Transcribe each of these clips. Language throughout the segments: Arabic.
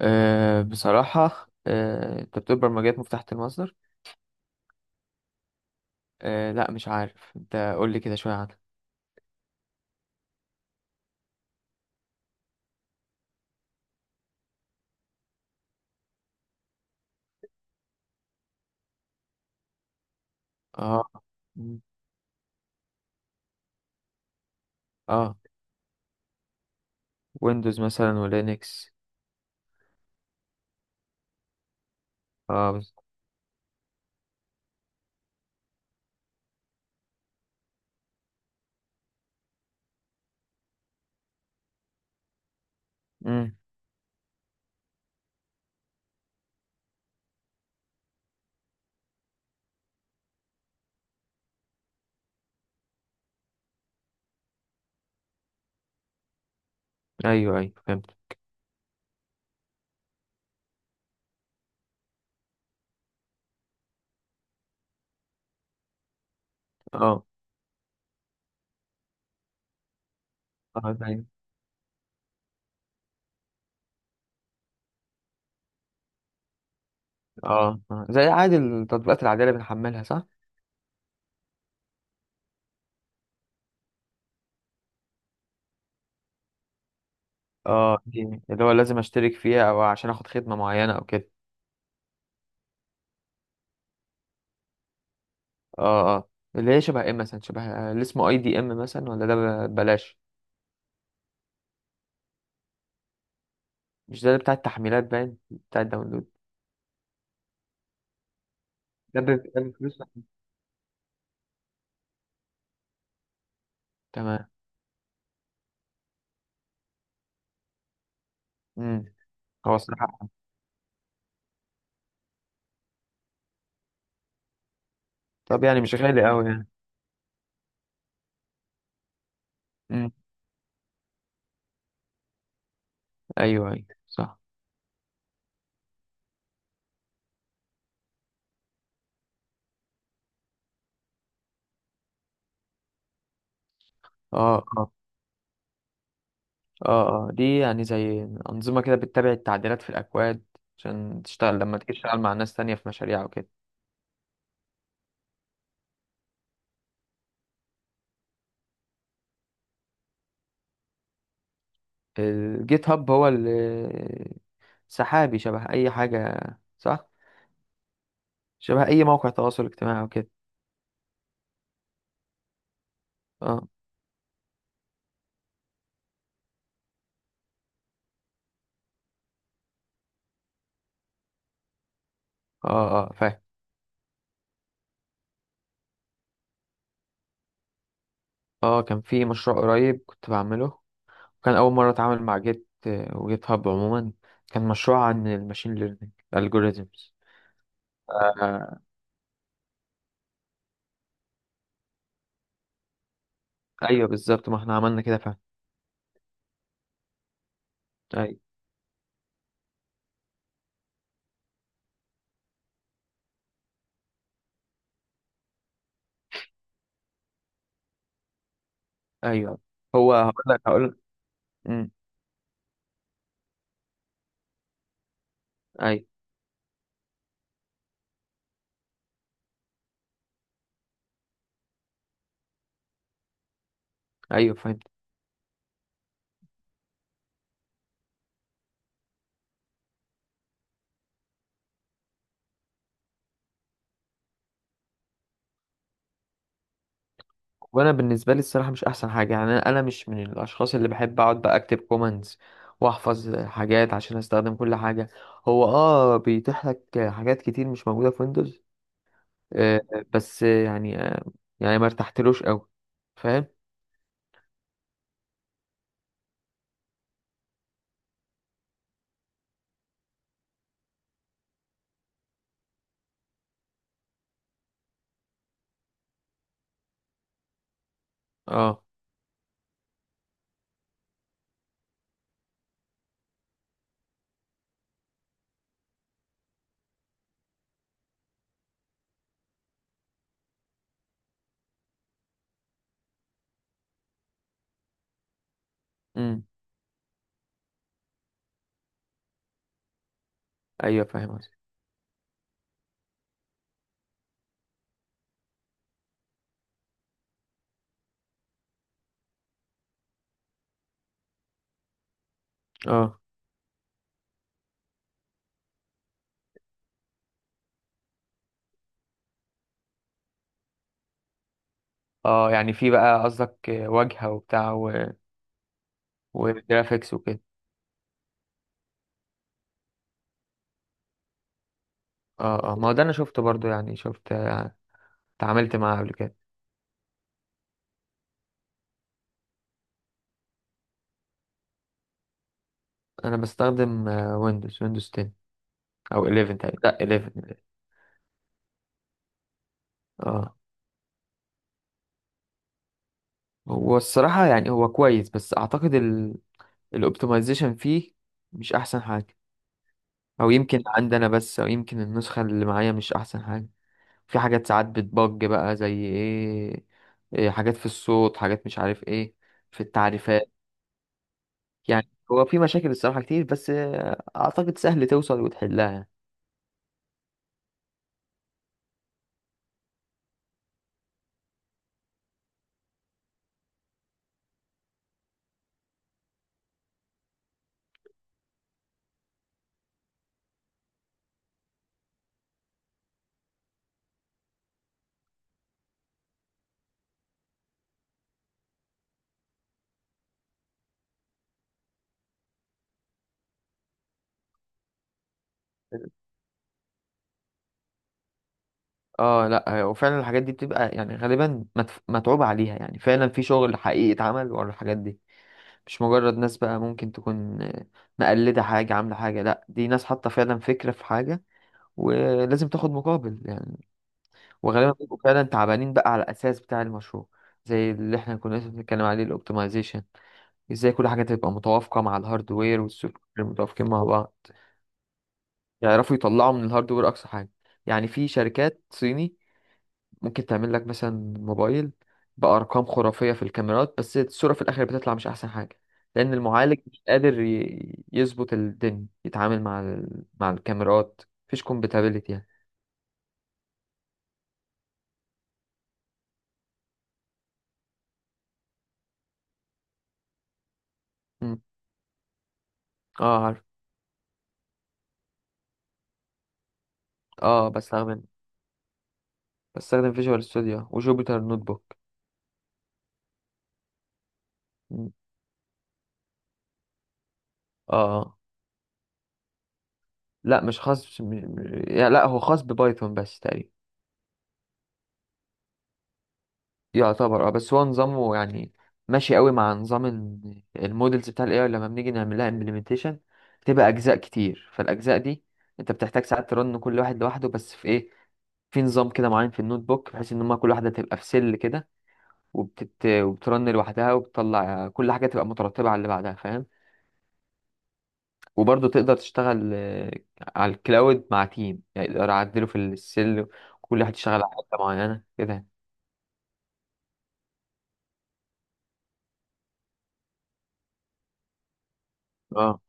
بصراحة، انت بتقول برمجيات مفتاحة المصدر. لا، مش عارف. انت قول لي كده شوية عنها. اه. مم. اه، ويندوز مثلا ولينكس. اه، مم. ايوه، ايوه، فهمت. اه، اه، زي اه آه، زي عادي التطبيقات العادية اللي بنحملها، صح؟ اه. دي اللي هو لازم اشترك فيها، او عشان اخد خدمة معينة او كده. اه، اه، اللي هي شبه ايه مثلا، شبه اللي اسمه اي دي ام مثلا، ولا ده؟ بلاش. مش ده اللي بتاع التحميلات؟ باين بتاع الداونلود. ده بفلوس. تمام. مم. هو الصراحة، طب يعني مش غالي قوي يعني. امم. ايوه، ايوه، صح. اه، اه. اه، اه، دي يعني زي أنظمة كده بتتابع التعديلات في الأكواد، عشان تشتغل لما تيجي تشتغل مع ناس تانية في مشاريع وكده. الجيت هاب هو سحابي، شبه أي حاجة، صح؟ شبه أي موقع تواصل اجتماعي وكده. اه، اه، اه، فاهم. اه، كان في مشروع قريب كنت بعمله. كان أول مرة أتعامل مع جيت وجيت هاب عموما. كان مشروع عن الماشين ليرنينج algorithms. آه، ايوه، بالظبط، ما احنا عملنا كده فعلا. ايوه، ايوه. هو هقول لك. امم. ايوه، ايوه، فهمت. وانا بالنسبه لي الصراحه مش احسن حاجه، يعني أنا مش من الاشخاص اللي بحب اقعد بقى اكتب كومنتس، واحفظ حاجات عشان استخدم كل حاجه. هو بيتيح لك حاجات كتير مش موجوده في ويندوز. آه بس يعني يعني ما ارتحتلوش قوي، فاهم. اه. امم، ايوه، فاهم قصدك. اه، اه، يعني في بقى قصدك واجهه وبتاع. وجرافيكس وكده. اه، اه، ما هو ده انا شفته برضو، يعني شفت اتعاملت معاه قبل كده. انا بستخدم ويندوز 10 او 11 تقريبا، لا 11. اه، هو الصراحة يعني هو كويس، بس اعتقد الاوبتمايزيشن فيه مش احسن حاجة. او يمكن عندنا بس، او يمكن النسخة اللي معايا مش احسن حاجة. في حاجات ساعات بتبج بقى، زي ايه، إيه، حاجات في الصوت، حاجات مش عارف ايه، في التعريفات. يعني هو في مشاكل الصراحة كتير، بس اعتقد سهل توصل وتحلها يعني. اه، لا، وفعلا الحاجات دي بتبقى يعني غالبا متعوب عليها، يعني فعلا في شغل حقيقي اتعمل ورا الحاجات دي. مش مجرد ناس بقى ممكن تكون مقلدة حاجة، عاملة حاجة. لا، دي ناس حاطة فعلا فكرة في حاجة، ولازم تاخد مقابل يعني. وغالبا بيبقوا فعلا تعبانين بقى على الأساس بتاع المشروع، زي اللي احنا كنا لسه بنتكلم عليه، الاوبتمايزيشن. ازاي كل حاجة تبقى متوافقة مع الهاردوير، والسوفت وير متوافقين مع بعض. يعرفوا يطلعوا من الهاردوير أقصى حاجة. يعني في شركات صيني ممكن تعمل لك مثلا موبايل بأرقام خرافية في الكاميرات، بس الصورة في الآخر بتطلع مش أحسن حاجة. لأن المعالج مش قادر يظبط الدنيا، يتعامل مع الكاميرات. مفيش كومباتيبلتي يعني. مم. اه، عارف. اه. بستخدم فيجوال ستوديو وجوبيتر نوت بوك. مم. اه. آه. لا، مش خاص. مش... م- يعني، لا، هو خاص ببايثون بس تقريبا. يعتبر، بس هو نظامه يعني ماشي قوي مع نظام المودلز بتاع الاي اي، لما بنيجي نعمل لها امبلمنتيشن. بتبقى اجزاء كتير، فالاجزاء دي انت بتحتاج ساعات ترن كل واحد لوحده، بس في ايه، في نظام كده معين في النوت بوك، بحيث ان هما كل واحده تبقى في سيل كده، وبترن لوحدها، وبتطلع كل حاجه تبقى مترتبه على اللي بعدها، فاهم. وبرضه تقدر تشتغل على الكلاود مع تيم، يعني تقدر اعدله في السيل، وكل واحد يشتغل على حته معينه كده. اه.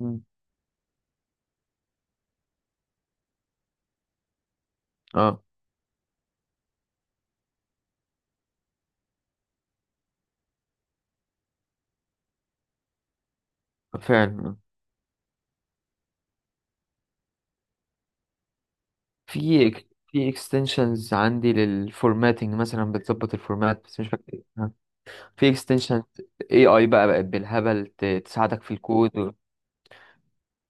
مم. اه، فعلا. في اكستنشنز عندي للفورماتنج مثلا بتظبط الفورمات، بس مش فاكر إيه. في اكستنشن اي اي بقى بقت بالهبل تساعدك في الكود.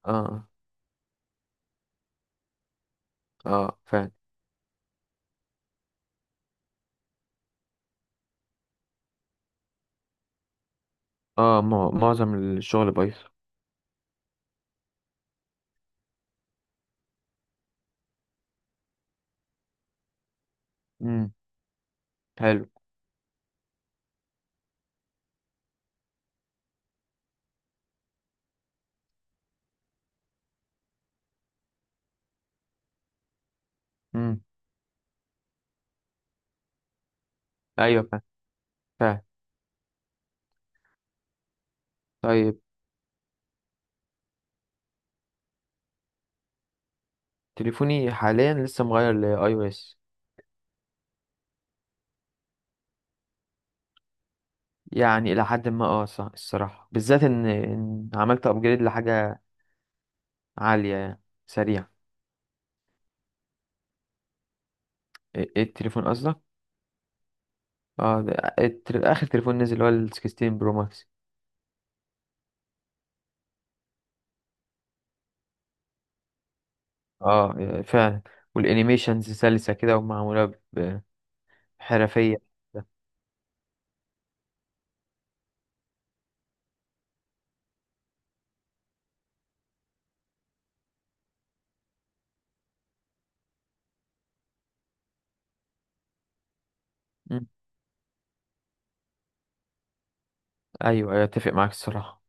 اه. اه، فعلا. اه، معظم الشغل بايثون. امم. حلو. امم، ايوه، فعلا، فعلا. طيب. تليفوني حاليا لسه مغير لاي او اس. يعني الى حد ما صح الصراحه، بالذات إن عملت ابجريد لحاجه عاليه يعني. سريع. إيه التليفون قصدك؟ اه، ده اخر تليفون نزل، اللي هو ال 16 برو ماكس. اه، فعلا. والانيميشنز سلسة كده ومعمولة ب- بحرفية. مم. ايوه، أيوة، اتفق معاك الصراحة.